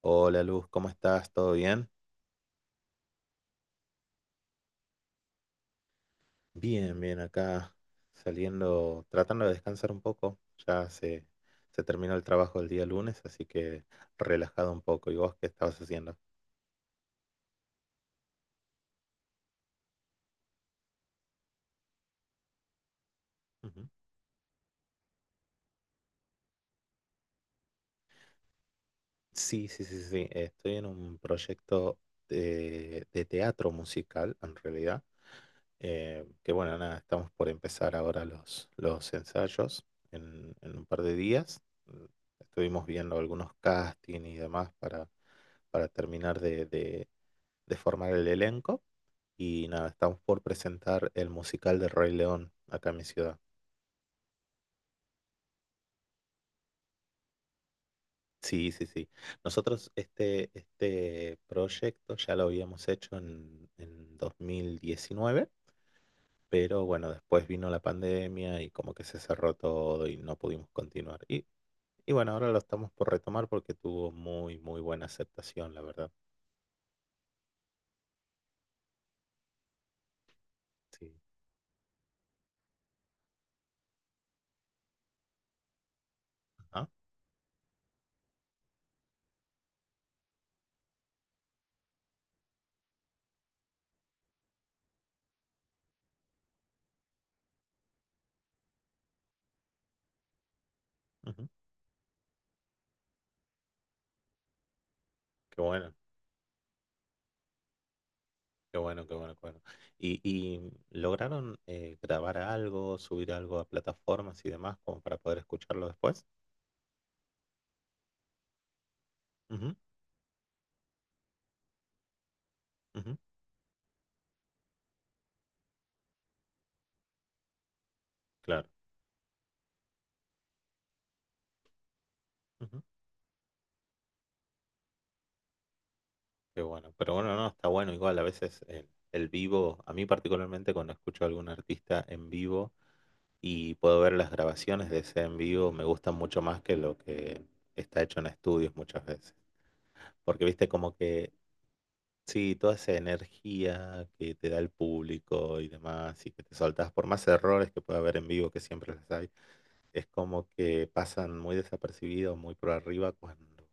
Hola Luz, ¿cómo estás? ¿Todo bien? Bien, bien, acá saliendo, tratando de descansar un poco. Ya se, se terminó el trabajo del día lunes, así que relajado un poco. ¿Y vos qué estabas haciendo? Ujú. Sí, sí, sí, sí. Estoy en un proyecto de teatro musical, en realidad. Que bueno, nada, estamos por empezar ahora los ensayos en un par de días. Mm, Estuvimos viendo algunos castings y demás para terminar de formar el elenco y nada, estamos por presentar el musical de Rey León acá en mi ciudad. Sí, sí, sí. Nosotros este proyecto ya lo habíamos hecho en 2019, pero bueno, después vino la pandemia y como que se cerró todo y no pudimos continuar. Y bueno, ahora lo estamos por retomar porque tuvo muy buena aceptación, la verdad. Sí. Ajá, ujú. Qué bueno. Qué bueno, qué bueno, qué bueno. Y lograron grabar algo, subir algo a plataformas y demás como para poder escucharlo después? Ujú, ujú, claro. Ujú. Qué bueno. Pero bueno, no, está bueno. Igual a veces el vivo, a mí particularmente cuando escucho a algún artista en vivo y puedo ver las grabaciones de ese en vivo, me gustan mucho más que lo que está hecho en estudios muchas veces. Porque viste como que sí, toda esa energía que te da el público y demás, y que te soltás, por más errores que pueda haber en vivo, que siempre los hay, es como que pasan muy desapercibidos, muy por arriba cuando,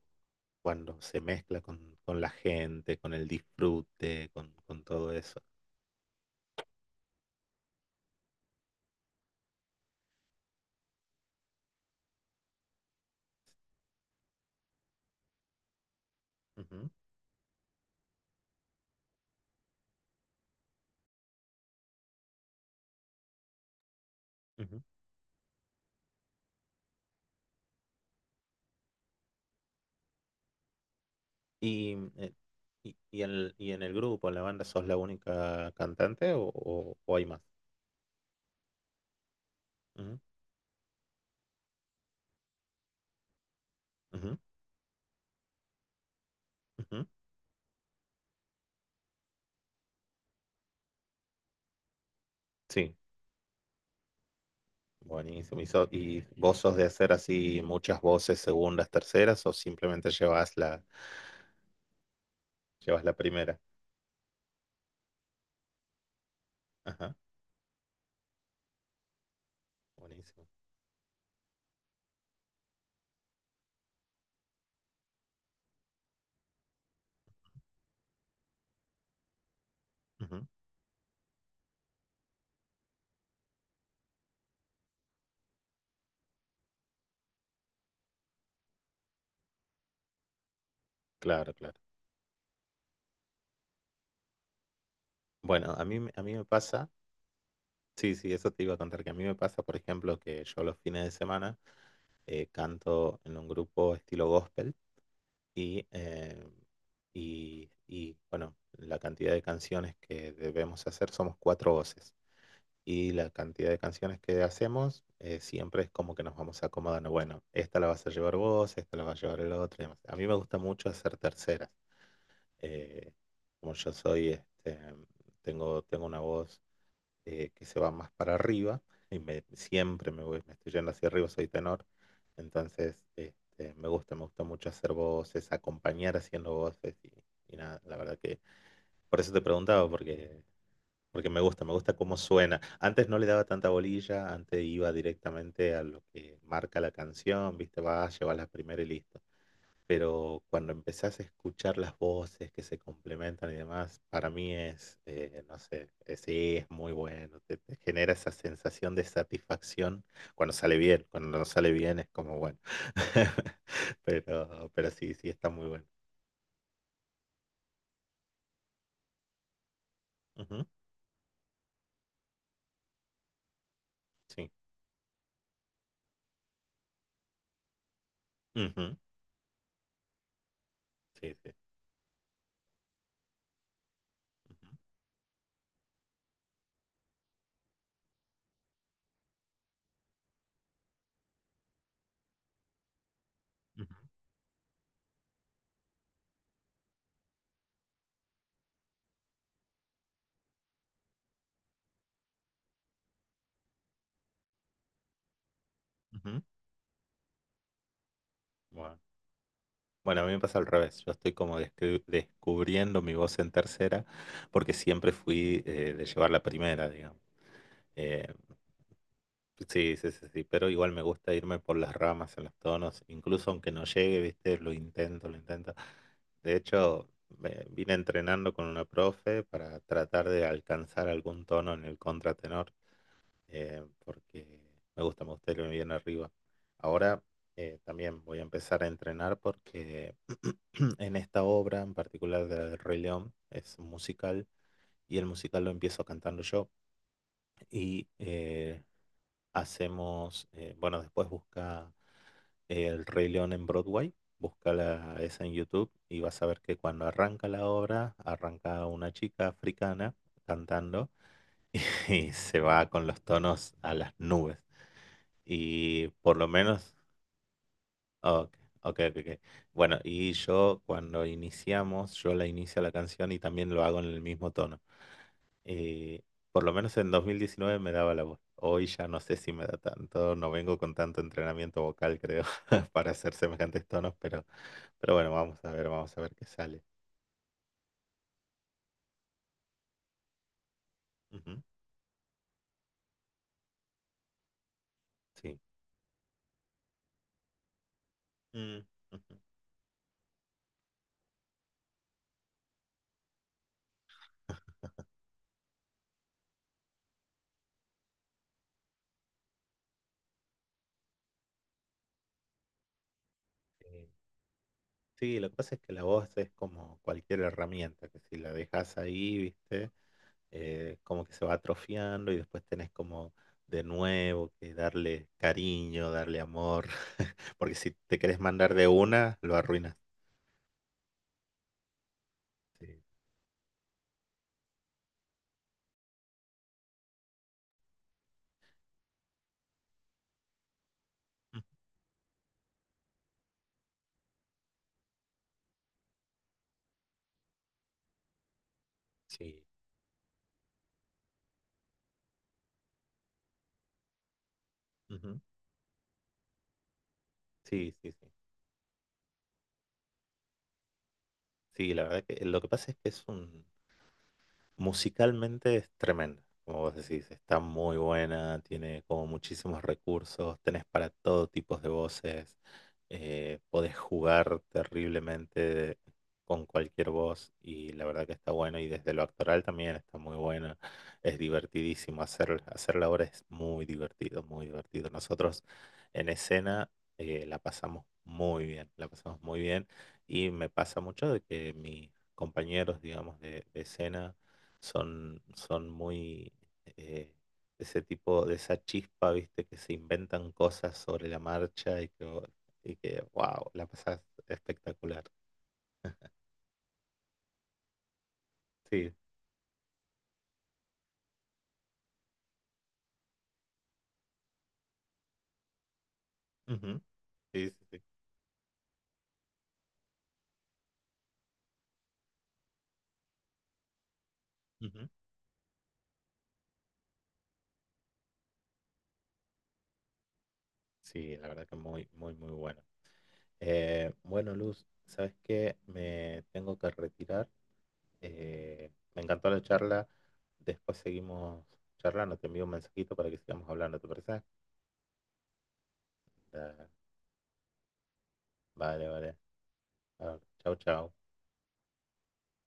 cuando se mezcla con la gente, con el disfrute, con todo eso. Ujú, ujú. Y, y en y en el grupo, en la banda, ¿sos la única cantante o hay más? Ujú, ujú, ujú. Sí. Buenísimo. ¿Y, so- y vos sos de hacer así muchas voces, segundas, terceras, o simplemente llevas llevas la primera? Ajá, buenísimo. Ujú, claro, claro. Bueno, a mí me pasa, sí, sí, eso te iba a contar, que a mí me pasa, por ejemplo, que yo los fines de semana canto en un grupo estilo gospel y, eh, y y bueno, la cantidad de canciones que debemos hacer somos cuatro voces. Y la cantidad de canciones que hacemos, siempre es como que nos vamos acomodando. Bueno, esta la vas a llevar vos, esta la va a llevar el otro, y demás. A mí me gusta mucho hacer terceras. eh, Como yo soy, este, tengo una voz que se va más para arriba y siempre me estoy yendo hacia arriba, soy tenor. Entonces, este, me gusta mucho hacer voces, acompañar haciendo voces y nada, la verdad que por eso te preguntaba, porque me gusta cómo suena. Antes no le daba tanta bolilla, antes iba directamente a lo que marca la canción, viste, vas, llevas la primera y listo. Pero cuando empezás a escuchar las voces que se complementan y demás, para mí es, no sé, sí, es muy bueno. Te genera esa sensación de satisfacción cuando sale bien. Cuando no sale bien es como bueno. Pero sí, sí, está muy bueno. Ujú, sí, ujú, sí, sí. Ujú, ujú, ujú. Bueno. Bueno, a mí me pasa al revés. Yo estoy como descri- descubriendo mi voz en tercera porque siempre fui de llevar la primera, digamos. Eh, sí, sí, sí, sí, pero igual me gusta irme por las ramas en los tonos, incluso aunque no llegue, viste, lo intento, lo intento. De hecho, me vine entrenando con una profe para tratar de alcanzar algún tono en el contratenor porque me gusta irme bien arriba. Ahora también voy a empezar a entrenar porque en esta obra, en particular de la del Rey León, es un musical y el musical lo empiezo cantando yo y hacemos, bueno, después busca el Rey León en Broadway. Busca esa en YouTube y vas a ver que cuando arranca la obra, arranca una chica africana cantando y se va con los tonos a las nubes. Y por lo menos, ok, ok, ok, ok. Bueno, y yo cuando iniciamos, yo la inicio la canción y también lo hago en el mismo tono. Eh, por lo menos en 2019 me daba la voz. Hoy ya no sé si me da tanto, no vengo con tanto entrenamiento vocal, creo, para hacer semejantes tonos, pero bueno, vamos a ver qué sale. Ujú, sí. Mm, ujú, sí, sí, lo que pasa es que la voz es como cualquier herramienta, que si la dejas ahí, ¿viste? Como que se va atrofiando y después tenés como de nuevo que darle cariño, darle amor, porque si te querés mandar de una, lo arruinas. Sí, mm, sí. Ujú. Sí, sí. Sí, sí, la verdad que lo que pasa es que es un, musicalmente es tremenda, como vos decís, está muy buena, tiene como muchísimos recursos, tenés para todo tipo de voces, podés jugar terriblemente con cualquier voz y la verdad que está bueno y desde lo actoral también está muy bueno, es divertidísimo, hacer, hacer la obra es muy divertido, muy divertido. Nosotros en escena la pasamos muy bien, la pasamos muy bien y me pasa mucho de que mis compañeros, digamos, de escena, son, son muy eh, ese tipo de esa chispa, viste, que se inventan cosas sobre la marcha y que wow, la pasas espectacular. Sí, ujú, sí, sí, sí. Ujú. Sí, la verdad que muy, muy, muy bueno. Bueno, Luz, ¿sabes qué? Me tengo que retirar. Me encantó la charla. Después seguimos charlando. Te envío un mensajito para que sigamos hablando, ¿te parece? Da- vale, vale. Ah, chau, chau.